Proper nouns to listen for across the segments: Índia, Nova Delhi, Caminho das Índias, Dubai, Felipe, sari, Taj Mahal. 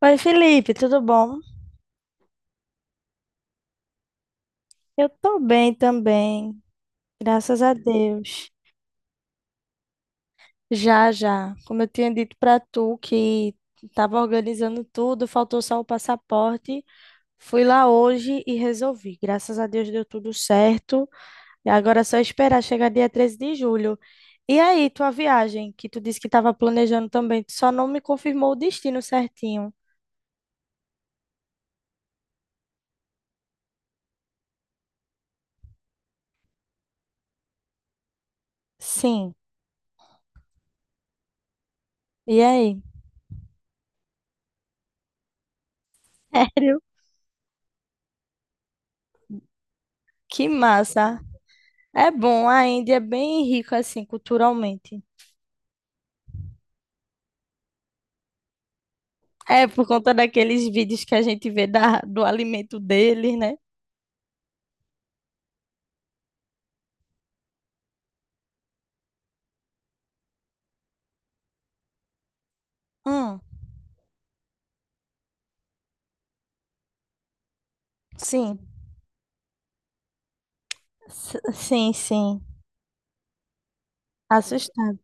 Oi, Felipe, tudo bom? Eu tô bem também, graças a Deus. Já, já. Como eu tinha dito pra tu que tava organizando tudo, faltou só o passaporte. Fui lá hoje e resolvi. Graças a Deus deu tudo certo. E agora é só esperar chegar dia 13 de julho. E aí, tua viagem, que tu disse que tava planejando também, tu só não me confirmou o destino certinho. Sim. E aí? Sério? Que massa. É bom, a Índia é bem rica assim culturalmente. É por conta daqueles vídeos que a gente vê do alimento deles, né? Hum, sim, sim, sim. Assustado.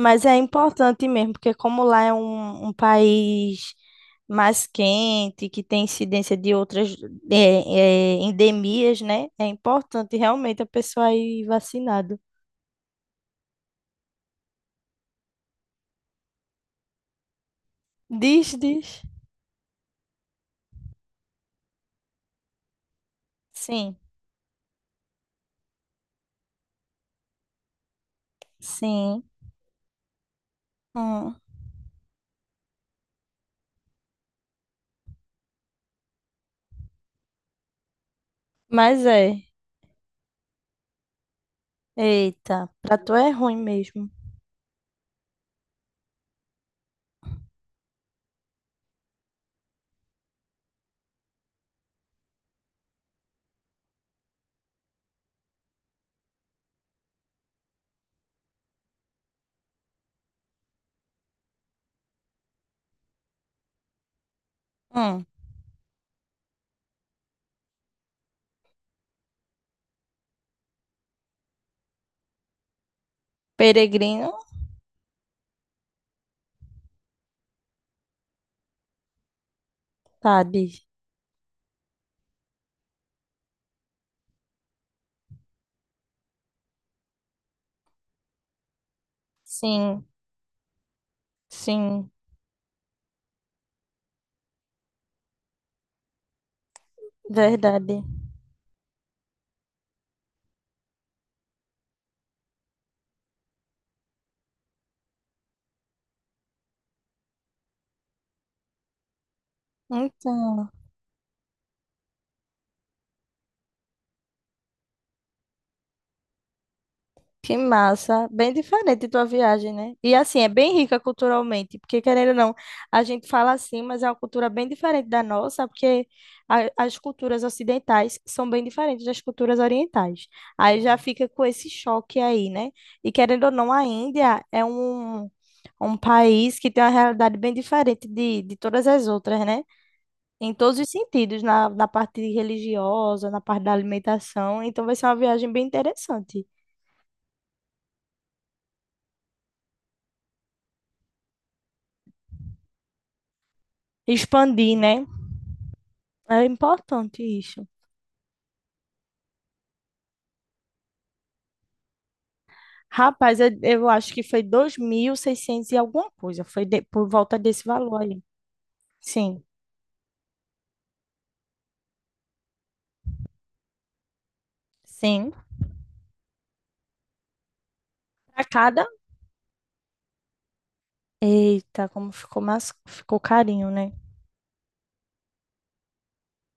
Mas é importante mesmo, porque como lá é um país mais quente, que tem incidência de outras endemias, né? É importante realmente a pessoa ir vacinada. Diz, diz. Sim, sim. Hum. Mas é. Eita, pra tu é ruim mesmo. Hum, peregrino, sabe? Sim, sim, verdade. Então. Que massa, bem diferente tua viagem, né? E assim, é bem rica culturalmente, porque querendo ou não, a gente fala assim, mas é uma cultura bem diferente da nossa, porque as culturas ocidentais são bem diferentes das culturas orientais. Aí já fica com esse choque aí, né? E querendo ou não, a Índia é um, um país que tem uma realidade bem diferente de todas as outras, né? Em todos os sentidos, na parte religiosa, na parte da alimentação. Então vai ser uma viagem bem interessante. Expandir, né? É importante isso. Rapaz, eu acho que foi 2.600 e 600 e alguma coisa. Foi por volta desse valor aí. Sim, sim. Para cada. Eita, como ficou mais. Ficou carinho, né?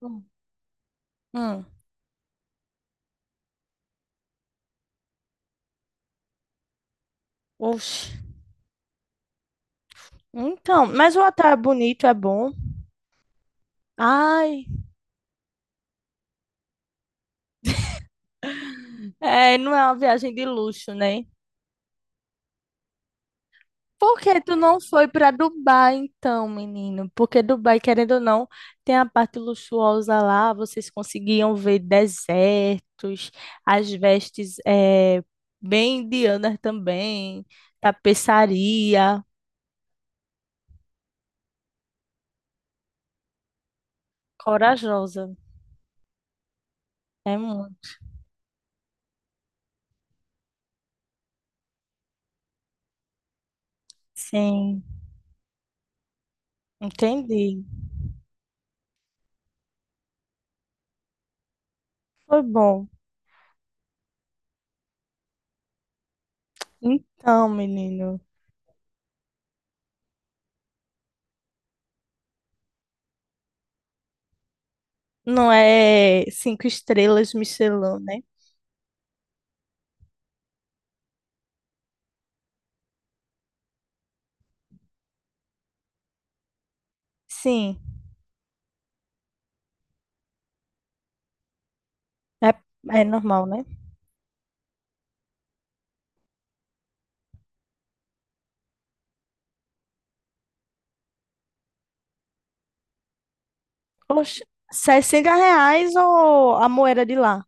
Hum. Hum. Oxe. Então, mas o hotel é bonito, é bom. Ai, é, não é uma viagem de luxo, né? Por que tu não foi para Dubai então, menino? Porque Dubai, querendo ou não, tem a parte luxuosa lá, vocês conseguiam ver desertos, as vestes bem indianas também, tapeçaria, corajosa. É muito. Sim, entendi. Foi bom. Então, menino, não é cinco estrelas Michelin, né? Sim, é, é normal, né? Poxa, R$ 60 ou a moeda de lá?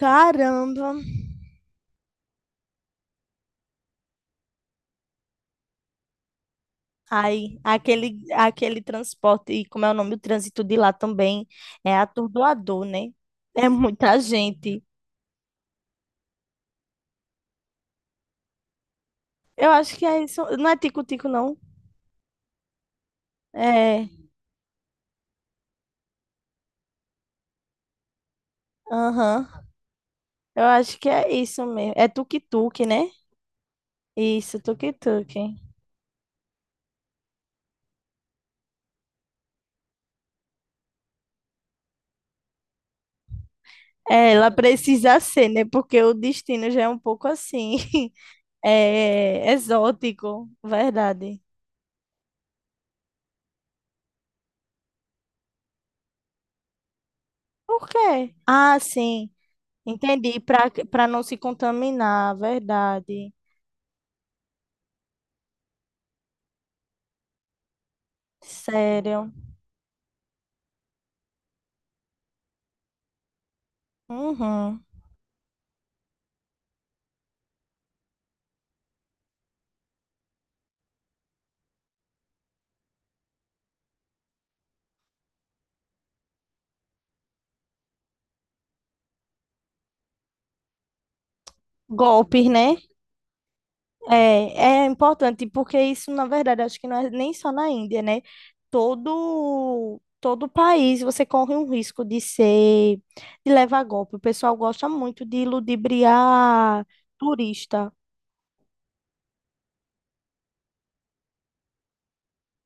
Caramba! Ai, aquele transporte, e como é o nome, o trânsito de lá também é atordoador, né? É muita gente. Eu acho que é isso. Não é tico-tico, não. É, aham. Eu acho que é isso mesmo. É tuk-tuk, né? Isso, tuk-tuk. É, ela precisa ser, né? Porque o destino já é um pouco assim, é, exótico, verdade. Por quê? Ah, sim. Entendi. Para não se contaminar, verdade. Sério. Uhum. Golpes, né? É importante, porque isso, na verdade, acho que não é nem só na Índia, né? Todo país você corre um risco de levar golpe. O pessoal gosta muito de ludibriar turista.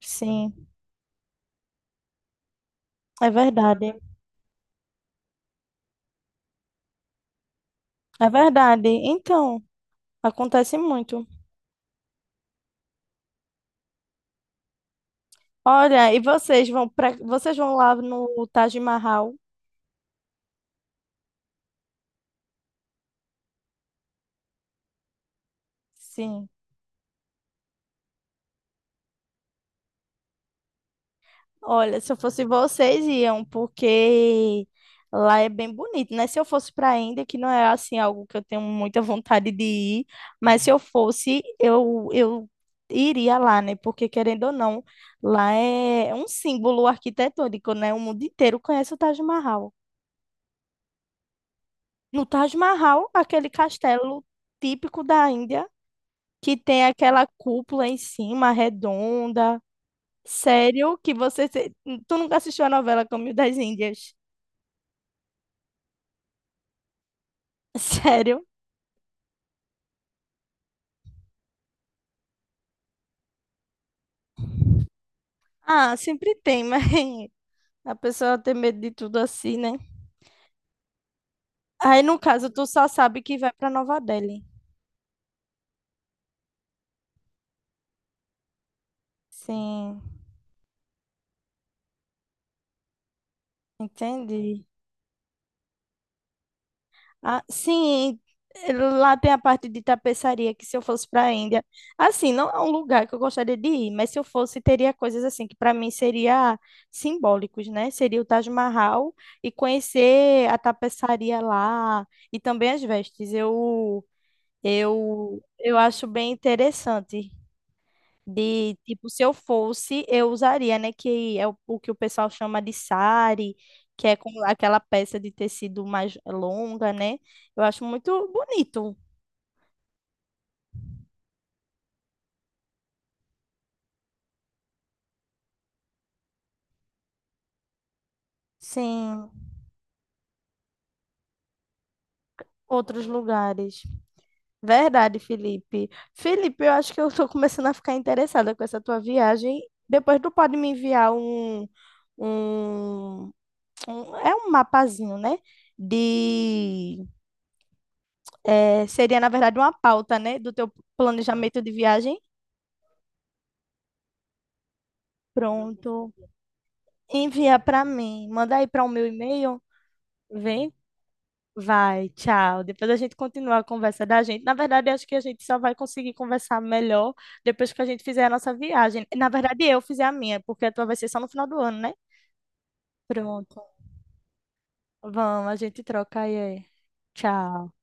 Sim, é verdade. É verdade. Então, acontece muito. Olha, e vocês vão lá no Taj Mahal? Sim. Olha, se eu fosse vocês iam, porque lá é bem bonito, né? Se eu fosse para a Índia, que não é assim algo que eu tenho muita vontade de ir, mas se eu fosse, eu iria lá, né? Porque querendo ou não, lá é um símbolo arquitetônico, né? O mundo inteiro conhece o Taj Mahal. No Taj Mahal, aquele castelo típico da Índia que tem aquela cúpula em cima, redonda. Sério que você. Tu nunca assistiu a novela Caminho das Índias? Sério? Ah, sempre tem, mas a pessoa tem medo de tudo assim, né? Aí, no caso, tu só sabe que vai pra Nova Delhi. Sim, entendi. Ah, sim, lá tem a parte de tapeçaria que se eu fosse para a Índia, assim, não é um lugar que eu gostaria de ir, mas se eu fosse, teria coisas assim que para mim seria simbólicos, né? Seria o Taj Mahal e conhecer a tapeçaria lá e também as vestes. Eu acho bem interessante. De, tipo, se eu fosse, eu usaria, né? Que é o que o pessoal chama de sari, que é com aquela peça de tecido mais longa, né? Eu acho muito bonito. Sim, outros lugares. Verdade, Felipe. Felipe, eu acho que eu estou começando a ficar interessada com essa tua viagem. Depois tu pode me enviar um, é um mapazinho, né? De, seria, na verdade, uma pauta, né? Do teu planejamento de viagem. Pronto. Envia para mim. Manda aí para o meu e-mail. Vem. Vai, tchau. Depois a gente continua a conversa da gente. Na verdade, acho que a gente só vai conseguir conversar melhor depois que a gente fizer a nossa viagem. Na verdade, eu fizer a minha, porque a tua vai ser só no final do ano, né? Pronto. Vamos, a gente troca aí. Tchau.